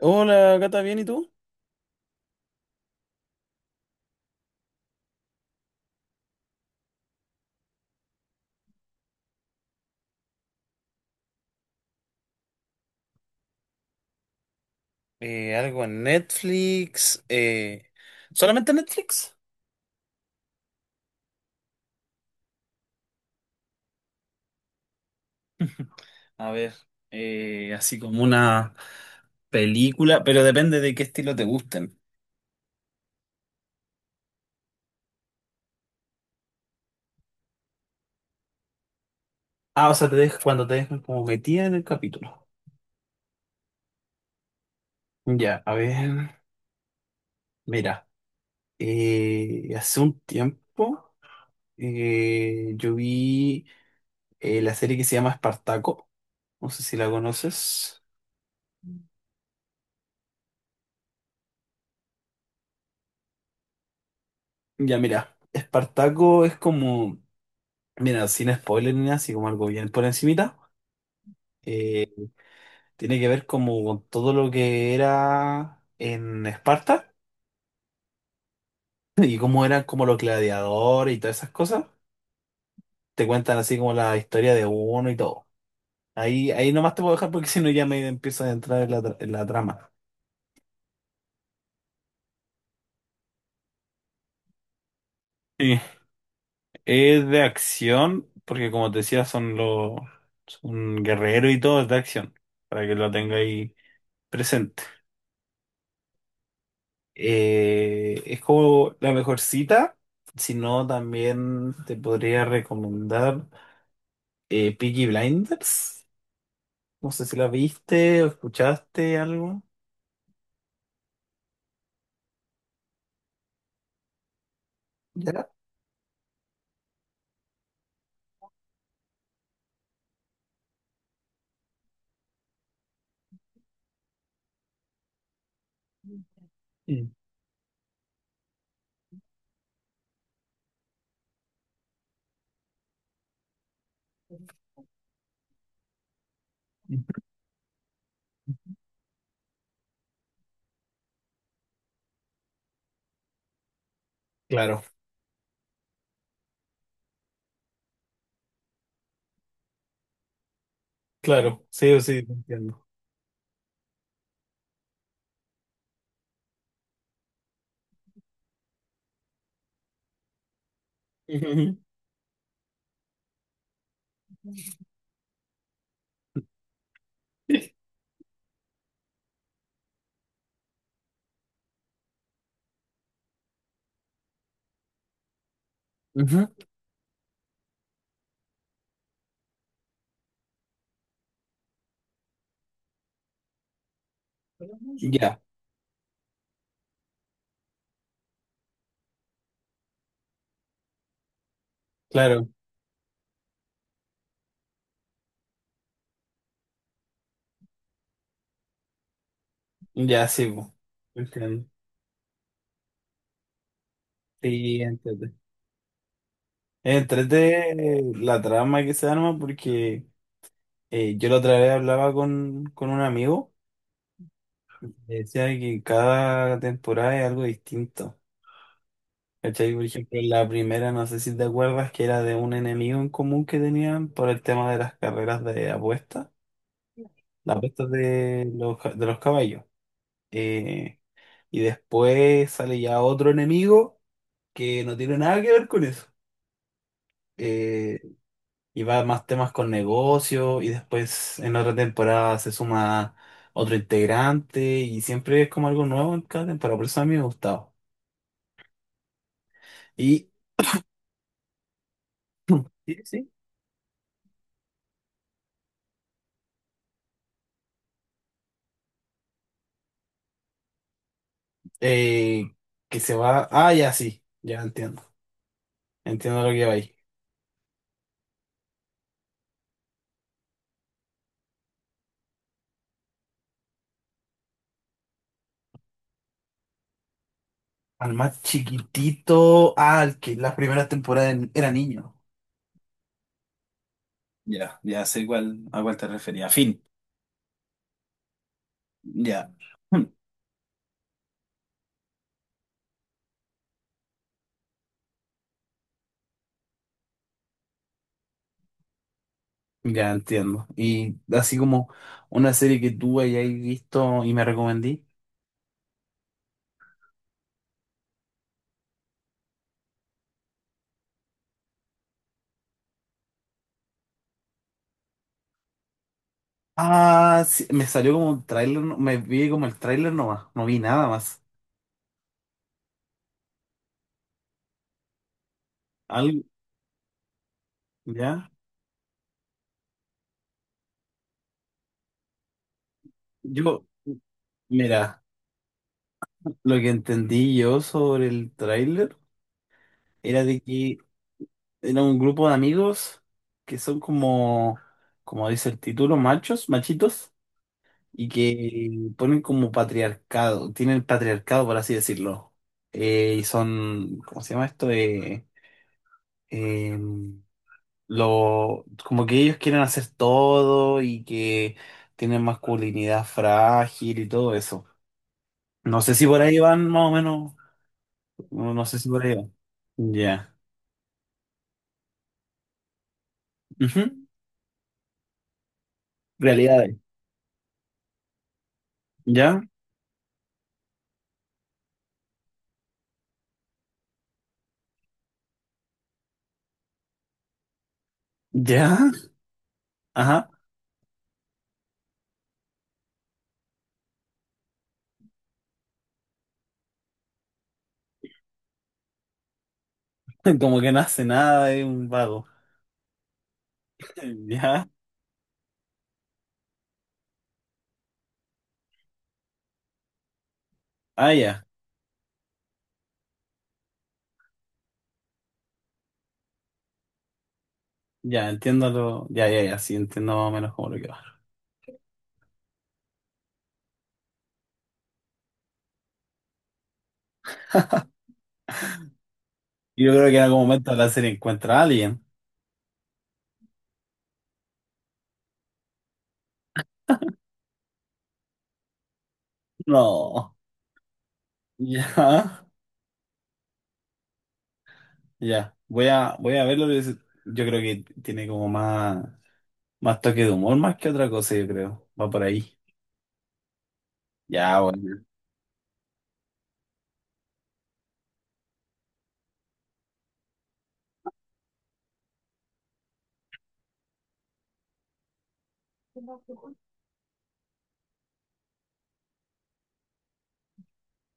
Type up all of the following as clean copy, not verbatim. Hola, Gata, ¿bien y tú? Algo en Netflix. ¿Solamente Netflix? A ver, así como una película, pero depende de qué estilo te gusten. Ah, o sea, cuando te dejan como metida en el capítulo. Ya, a ver, mira, hace un tiempo yo vi la serie que se llama Espartaco. No sé si la conoces. Ya, mira, Espartaco es como. Mira, sin spoiler ni nada, así como algo bien por encimita, eh, tiene que ver como con todo lo que era en Esparta y cómo eran como los gladiadores y todas esas cosas. Te cuentan así como la historia de uno y todo. Ahí nomás te puedo dejar porque si no ya me empiezo a entrar en la trama. Sí, es de acción, porque como te decía, son guerreros y todo, es de acción, para que lo tenga ahí presente. Es como la mejor cita. Si no, también te podría recomendar Peaky Blinders. No sé si la viste o escuchaste algo. ¿Ya? Mm, mm. Claro, claro, sí o sí, te entiendo. Ujú. Ujú. Ya, claro, ya sí, po. Entiendo. Sí, entrete. Entrete, la trama que se arma porque yo la otra vez hablaba con un amigo. Me decía que cada temporada es algo distinto. ¿Cachai? Por ejemplo, en la primera, no sé si te acuerdas, que era de un enemigo en común que tenían por el tema de las carreras de apuestas, las apuestas de de los caballos. Eh, y después sale ya otro enemigo que no tiene nada que ver con eso. Eh, y va más temas con negocio y después en otra temporada se suma otro integrante y siempre es como algo nuevo en cada temporada. Por eso a mí me ha gustado. Y sí, sí. Eh, que se va. Ah, ya sí, ya entiendo. Entiendo lo que va ahí. Al más chiquitito, ah, al que las primeras era niño. Ya, ya sé cuál, a cuál te refería. Fin. Ya. Hmm. Ya entiendo. Y así como una serie que tú hayáis visto y me recomendí. Ah, sí, me salió como un tráiler, me vi como el tráiler nomás, no vi nada más. Algo, ya. Yo, mira, lo que entendí yo sobre el tráiler era de que era un grupo de amigos que son como dice el título, machos, machitos, y que ponen como patriarcado, tienen patriarcado, por así decirlo. Y son, ¿cómo se llama esto? Eh, Como que ellos quieren hacer todo y que tienen masculinidad frágil y todo eso. No sé si por ahí van, más o menos. No, no sé si por ahí van. Ya. Ujú. Realidades. ¿Ya? ¿Ya? Ajá. Como que no hace nada, es un vago. Ya, ah, ya, ya, entiendo ya, ya, ya, sí, entiendo más o menos cómo lo que va. Y yo creo que en algún momento la serie encuentra a alguien. No, ya, ya, voy a verlo, pero yo creo que tiene como más toque de humor más que otra cosa, yo creo, va por ahí. Ya, bueno.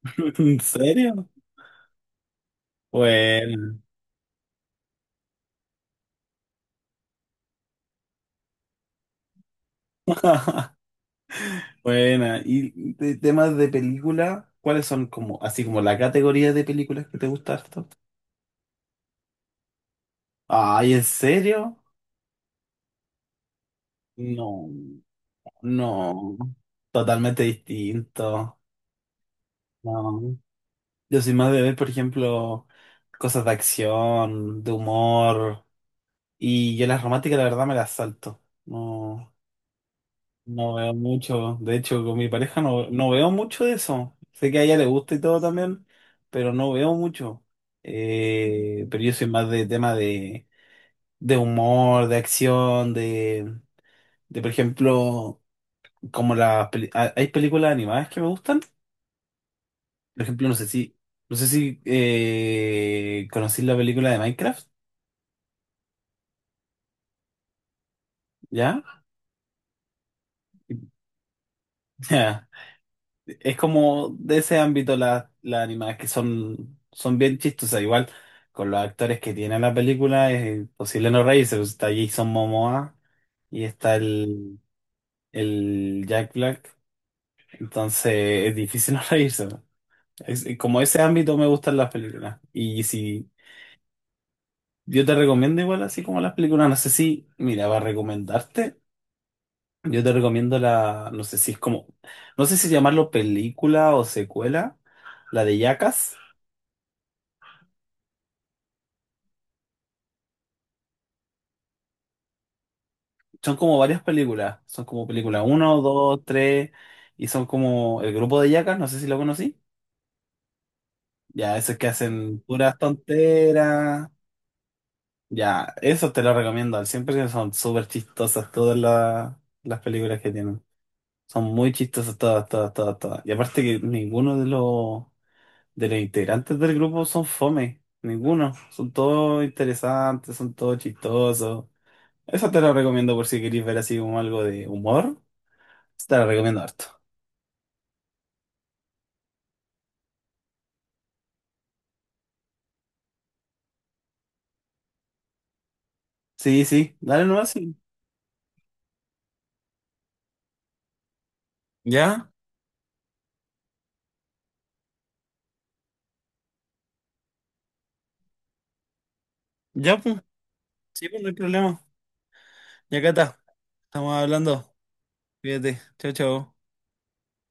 ¿En serio? Bueno, buena. Y de temas de película, ¿cuáles son como, así como la categoría de películas que te gusta harto? Ay, ¿en serio? No, no, totalmente distinto. No. Yo soy más de ver, por ejemplo, cosas de acción, de humor, y yo las románticas la verdad me las salto. No, no veo mucho, de hecho con mi pareja no veo mucho de eso. Sé que a ella le gusta y todo también, pero no veo mucho. Pero yo soy más de de humor, de por ejemplo... como las peli- ha- hay películas animadas que me gustan. Por ejemplo, no sé si conocí la película de Minecraft, ¿ya? Ya. Es como de ese ámbito las animadas que son bien chistosas. Igual con los actores que tiene la película es imposible no reírse, pues. Está Jason Momoa y el Jack Black. Entonces es difícil no reírse, ¿no? Como ese ámbito me gustan las películas. Y si yo te recomiendo igual, así como las películas, no sé si, mira, va a recomendarte. Yo te recomiendo la, No sé si es no sé si llamarlo película o secuela, la de Yacas. Son como varias películas, son como película uno 2 3 y son como el grupo de Yacas, no sé si lo conocí. Ya, esos que hacen puras tonteras. Ya, eso te lo recomiendo al 100%, son súper chistosas las películas que tienen. Son muy chistosas todas. Y aparte que ninguno de los de los integrantes del grupo son fome, ninguno. Son todos interesantes, son todos chistosos. Esa te la recomiendo por si queréis ver así como algo de humor. Te la recomiendo harto. Sí, sí, dale nomás, sí. ¿Ya? ¿Ya, pues? Sí, pues no hay problema. Ya acá está. Estamos hablando. Cuídate. Chao, chao.